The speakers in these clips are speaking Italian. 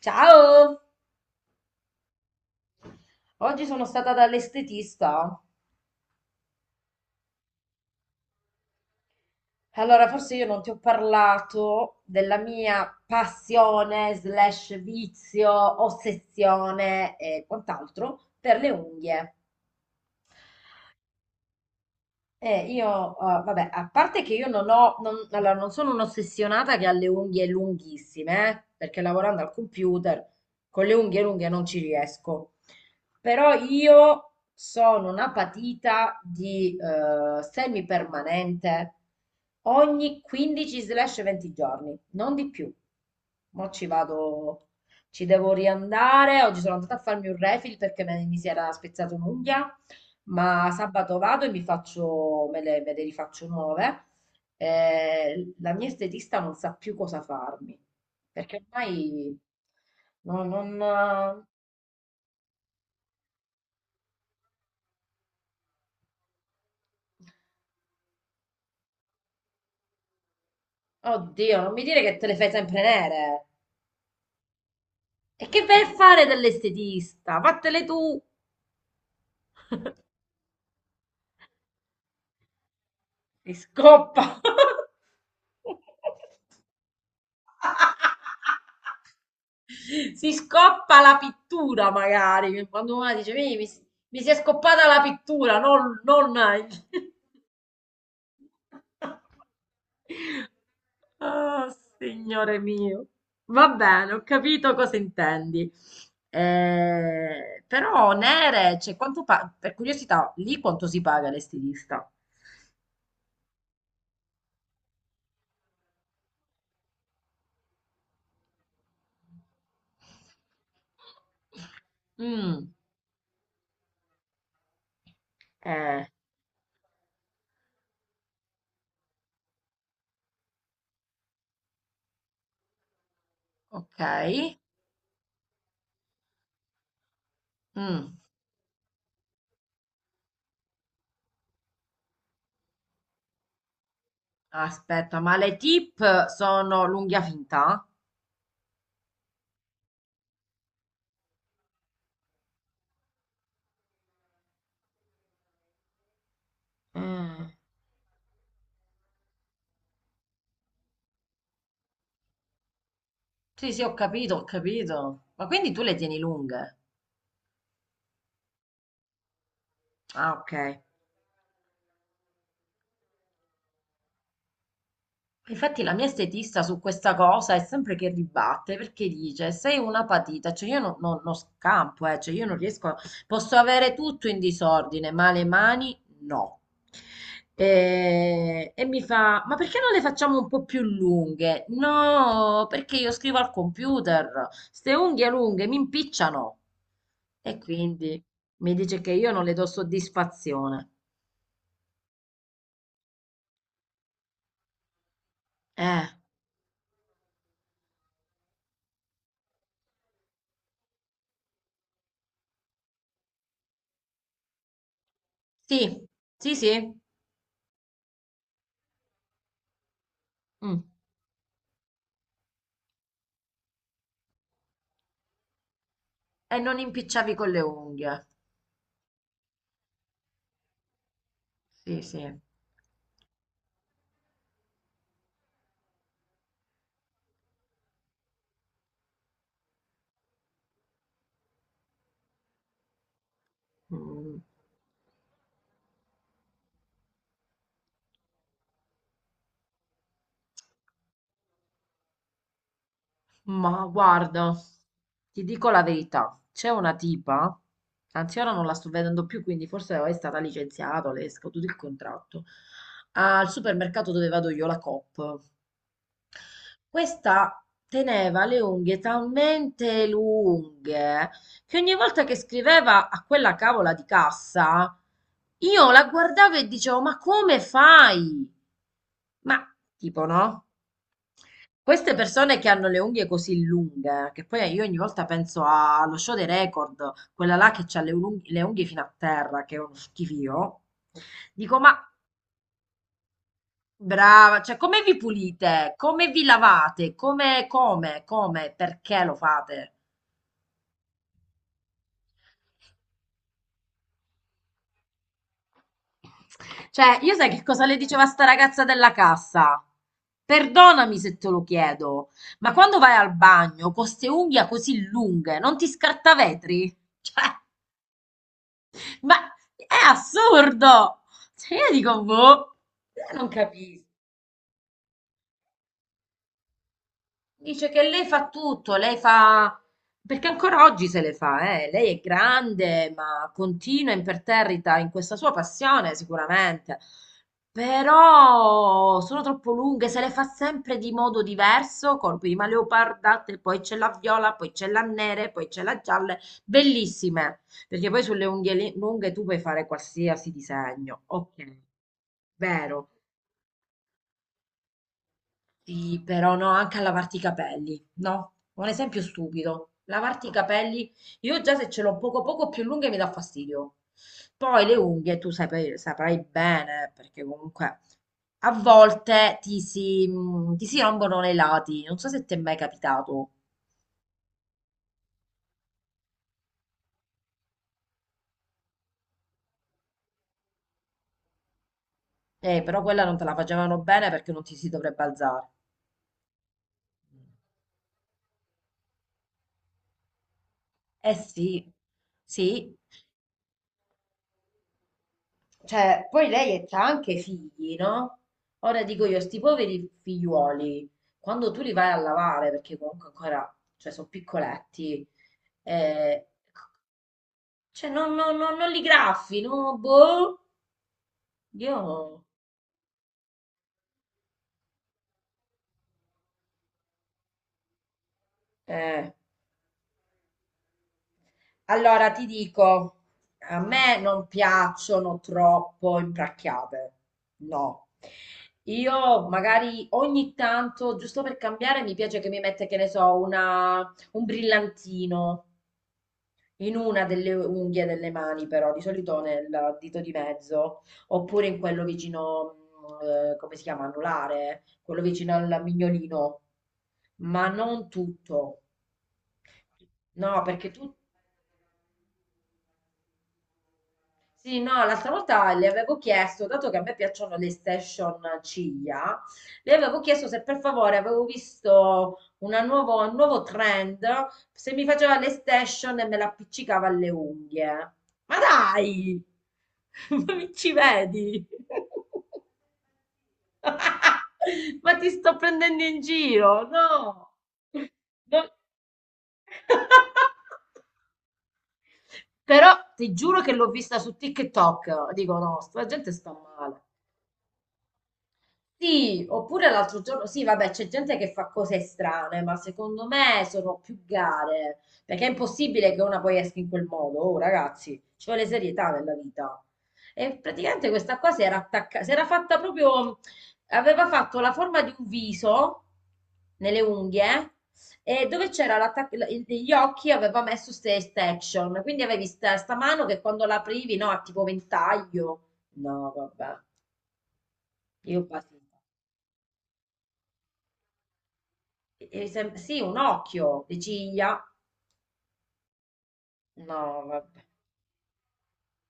Ciao! Oggi sono stata dall'estetista. Allora, forse io non ti ho parlato della mia passione, slash vizio, ossessione e quant'altro per le unghie. Io, vabbè, a parte che io non ho, non, allora, non sono un'ossessionata che ha le unghie lunghissime, perché lavorando al computer con le unghie lunghe non ci riesco. Però io sono una patita di semipermanente ogni 15-20 giorni, non di più. Mo' ci vado, ci devo riandare. Oggi sono andata a farmi un refill perché mi si era spezzata un'unghia, ma sabato vado e mi faccio, me le rifaccio nuove. La mia estetista non sa più cosa farmi, perché ormai non, non- Oddio, non mi dire che te le fai sempre nere. E che vai a fare dell'estetista? Fattele tu! E scoppa! Si scoppa la pittura, magari. Quando una dice, mi si è scoppata la pittura, non... Oh, signore mio. Va bene, ho capito cosa intendi. Però, nere, cioè, per curiosità, lì quanto si paga l'estilista? Mm, eh, ok. Mm, aspetta, ma le tip sono l'unghia finta? Mm, sì, sì, ho capito, ho capito. Ma quindi tu le tieni lunghe? Ah, ok. Infatti la mia estetista su questa cosa è sempre che ribatte perché dice sei una patita, cioè io non, non- non scampo, cioè io non riesco, a- posso avere tutto in disordine, ma le mani no. E mi fa, ma perché non le facciamo un po' più lunghe? No, perché io scrivo al computer, ste unghie lunghe mi impicciano. E quindi mi dice che io non le do soddisfazione. Eh, sì, sì, sì. Mm. E non impicciavi con le unghie. Sì, sì. Mm. Ma guarda, ti dico la verità, c'è una tipa, anzi ora non la sto vedendo più, quindi forse è stata licenziata, le è scaduto il contratto. Al supermercato dove vado io, la Coop. Questa teneva le unghie talmente lunghe che ogni volta che scriveva a quella cavola di cassa, io la guardavo e dicevo: ma come fai? Ma tipo, no? Queste persone che hanno le unghie così lunghe, che poi io ogni volta allo show dei record, quella là che ha le unghie fino a terra, che è uno schifio, dico: ma brava, cioè come vi pulite? Come vi lavate? Come, perché lo fate? Cioè, io sai che cosa le diceva sta ragazza della cassa? Perdonami se te lo chiedo, ma quando vai al bagno con queste unghie così lunghe, non ti scartavetri? Cioè, ma è assurdo! Cioè, io dico, boh, io non capisco. Dice che lei fa tutto, lei fa... perché ancora oggi se le fa, eh. Lei è grande, ma continua imperterrita in questa sua passione, sicuramente. Però sono troppo lunghe, se le fa sempre di modo diverso, con prima leoparda, te- poi c'è la viola, poi c'è la nera, poi c'è la gialla, bellissime, perché poi sulle lunghe tu puoi fare qualsiasi disegno, ok, vero. Sì, però no, anche a lavarti i capelli, no? Un esempio stupido. Lavarti i capelli, io già se ce l'ho poco poco più lunghe mi dà fastidio. Poi le unghie, tu saprai, saprai bene, perché comunque a volte ti si rompono nei lati. Non so se ti è mai capitato. Però quella non te la facevano bene perché non ti si dovrebbe alzare. Eh sì, sì. Cioè, poi lei ha anche figli, no? Ora dico io, sti poveri figliuoli, quando tu li vai a lavare, perché comunque ancora, cioè, sono piccoletti, eh, cioè, non li graffi, no? Boh, io... eh. Allora, ti dico, a me non piacciono troppo impracchiate, no. Io magari ogni tanto, giusto per cambiare, mi piace che mi mette, che ne so, un brillantino in una delle unghie delle mani, però, di solito nel dito di mezzo, oppure in quello vicino, mm, come si chiama, anulare, quello vicino al mignolino, ma non tutto. No, perché tu sì, no, l'altra volta le avevo chiesto, dato che a me piacciono le station ciglia, le avevo chiesto se per favore avevo visto un nuovo trend, se mi faceva le station e me l'appiccicava alle unghie. Ma dai! Ma mi ci vedi? Ma ti sto prendendo in giro, no? No. Però ti giuro che l'ho vista su TikTok. Dico, no, sta gente sta male. Sì, oppure l'altro giorno, sì, vabbè, c'è gente che fa cose strane, ma secondo me sono più gare, perché è impossibile che una poi esca in quel modo, oh ragazzi, ci vuole serietà nella vita. E praticamente questa qua si era attaccata, si era fatta proprio, aveva fatto la forma di un viso nelle unghie e dove c'era gli occhi aveva messo queste extension, quindi avevi sta mano che quando l'aprivi, no, ha tipo ventaglio. No, vabbè, io quasi. E sì, un occhio, le ciglia. No, vabbè.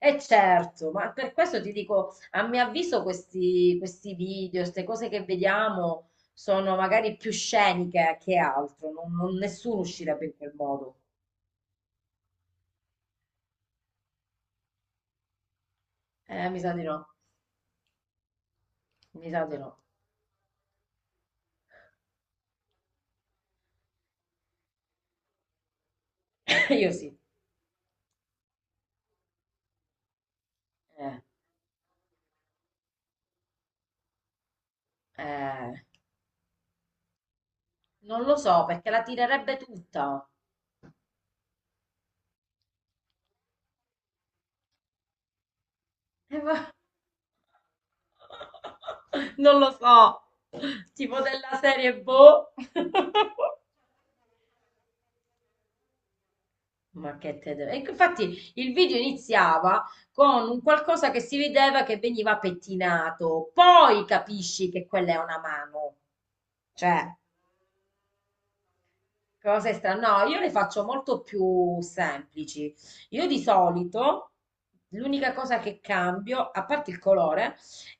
E certo, ma per questo ti dico, a mio avviso questi video, queste cose che vediamo sono magari più sceniche che altro, nessuno uscirebbe in quel modo. Mi sa di no, mi sa di no. Io sì. Eh, eh, non lo so, perché la tirerebbe tutta. Eh, va- Non lo so, tipo della serie boh. Ma che te deve... Ecco, infatti il video iniziava con un qualcosa che si vedeva che veniva pettinato, poi capisci che quella è una mano. Cioè, cose strane. No, io le faccio molto più semplici. Io di solito l'unica cosa che cambio, a parte il colore,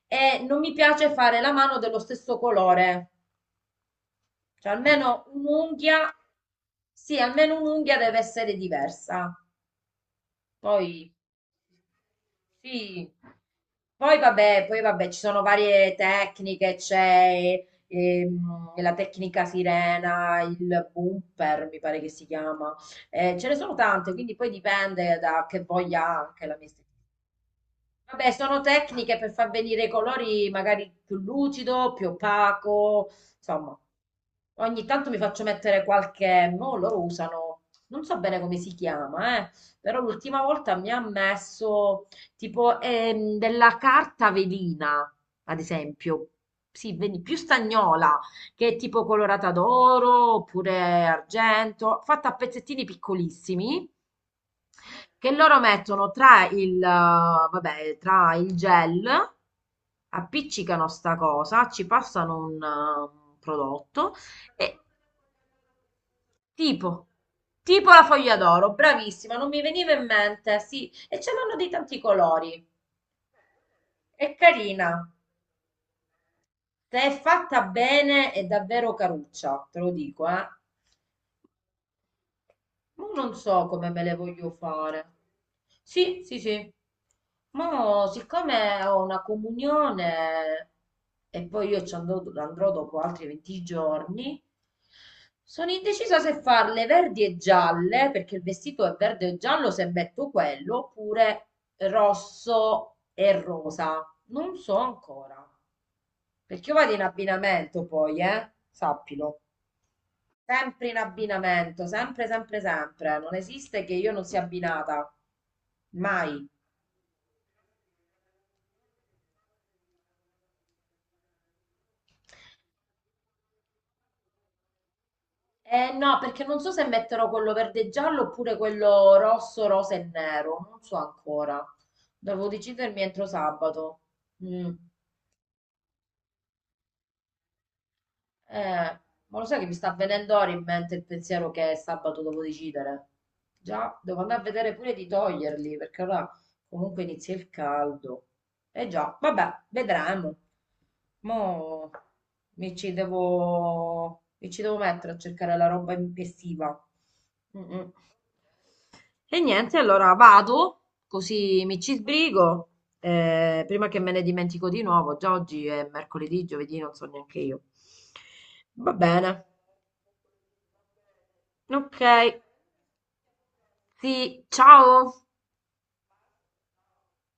è non mi piace fare la mano dello stesso colore. Cioè, almeno un'unghia, sì, almeno un'unghia deve essere diversa. Poi sì. Poi vabbè, ci sono varie tecniche, c'è la tecnica sirena, il bumper, mi pare che si chiama. Ce ne sono tante, quindi poi dipende da che voglia ha anche la mia estetica. Vabbè, sono tecniche per far venire i colori magari più lucido, più opaco, insomma. Ogni tanto mi faccio mettere qualche, mo loro usano, non so bene come si chiama, però l'ultima volta mi ha messo tipo della carta velina, ad esempio, sì, più stagnola, che è tipo colorata d'oro oppure argento, fatta a pezzettini piccolissimi che loro mettono tra vabbè, tra il gel, appiccicano sta cosa, ci passano un prodotto e tipo, tipo la foglia d'oro, bravissima, non mi veniva in mente, sì, e ce l'hanno di tanti colori, è carina, se è fatta bene è davvero caruccia, te lo dico, eh. Ma non so come me le voglio fare. Sì, sì, sì. Ma siccome ho una comunione e poi io ci andrò, andrò dopo altri 20 giorni, sono indecisa se farle verdi e gialle, perché il vestito è verde e giallo se metto quello, oppure rosso e rosa. Non so ancora, perché io vado in abbinamento poi, eh? Sappilo. Sempre in abbinamento, sempre, sempre, sempre. Non esiste che io non sia abbinata. Mai. Eh no, perché non so se metterò quello verde e giallo oppure quello rosso, rosa e nero. Non so ancora. Devo decidermi entro sabato. Mm. Eh, ma lo sai che mi sta venendo ora in mente il pensiero che sabato devo decidere. Già, devo andare a vedere pure di toglierli, perché ora comunque inizia il caldo. Eh già, vabbè, vedremo. Mo mi ci devo mettere a cercare la roba estiva. Mm, mm. E niente, allora vado, così mi ci sbrigo. Eh, prima che me ne dimentico di nuovo, già oggi è mercoledì, giovedì, non so neanche io. Va bene, ok, sì, ciao.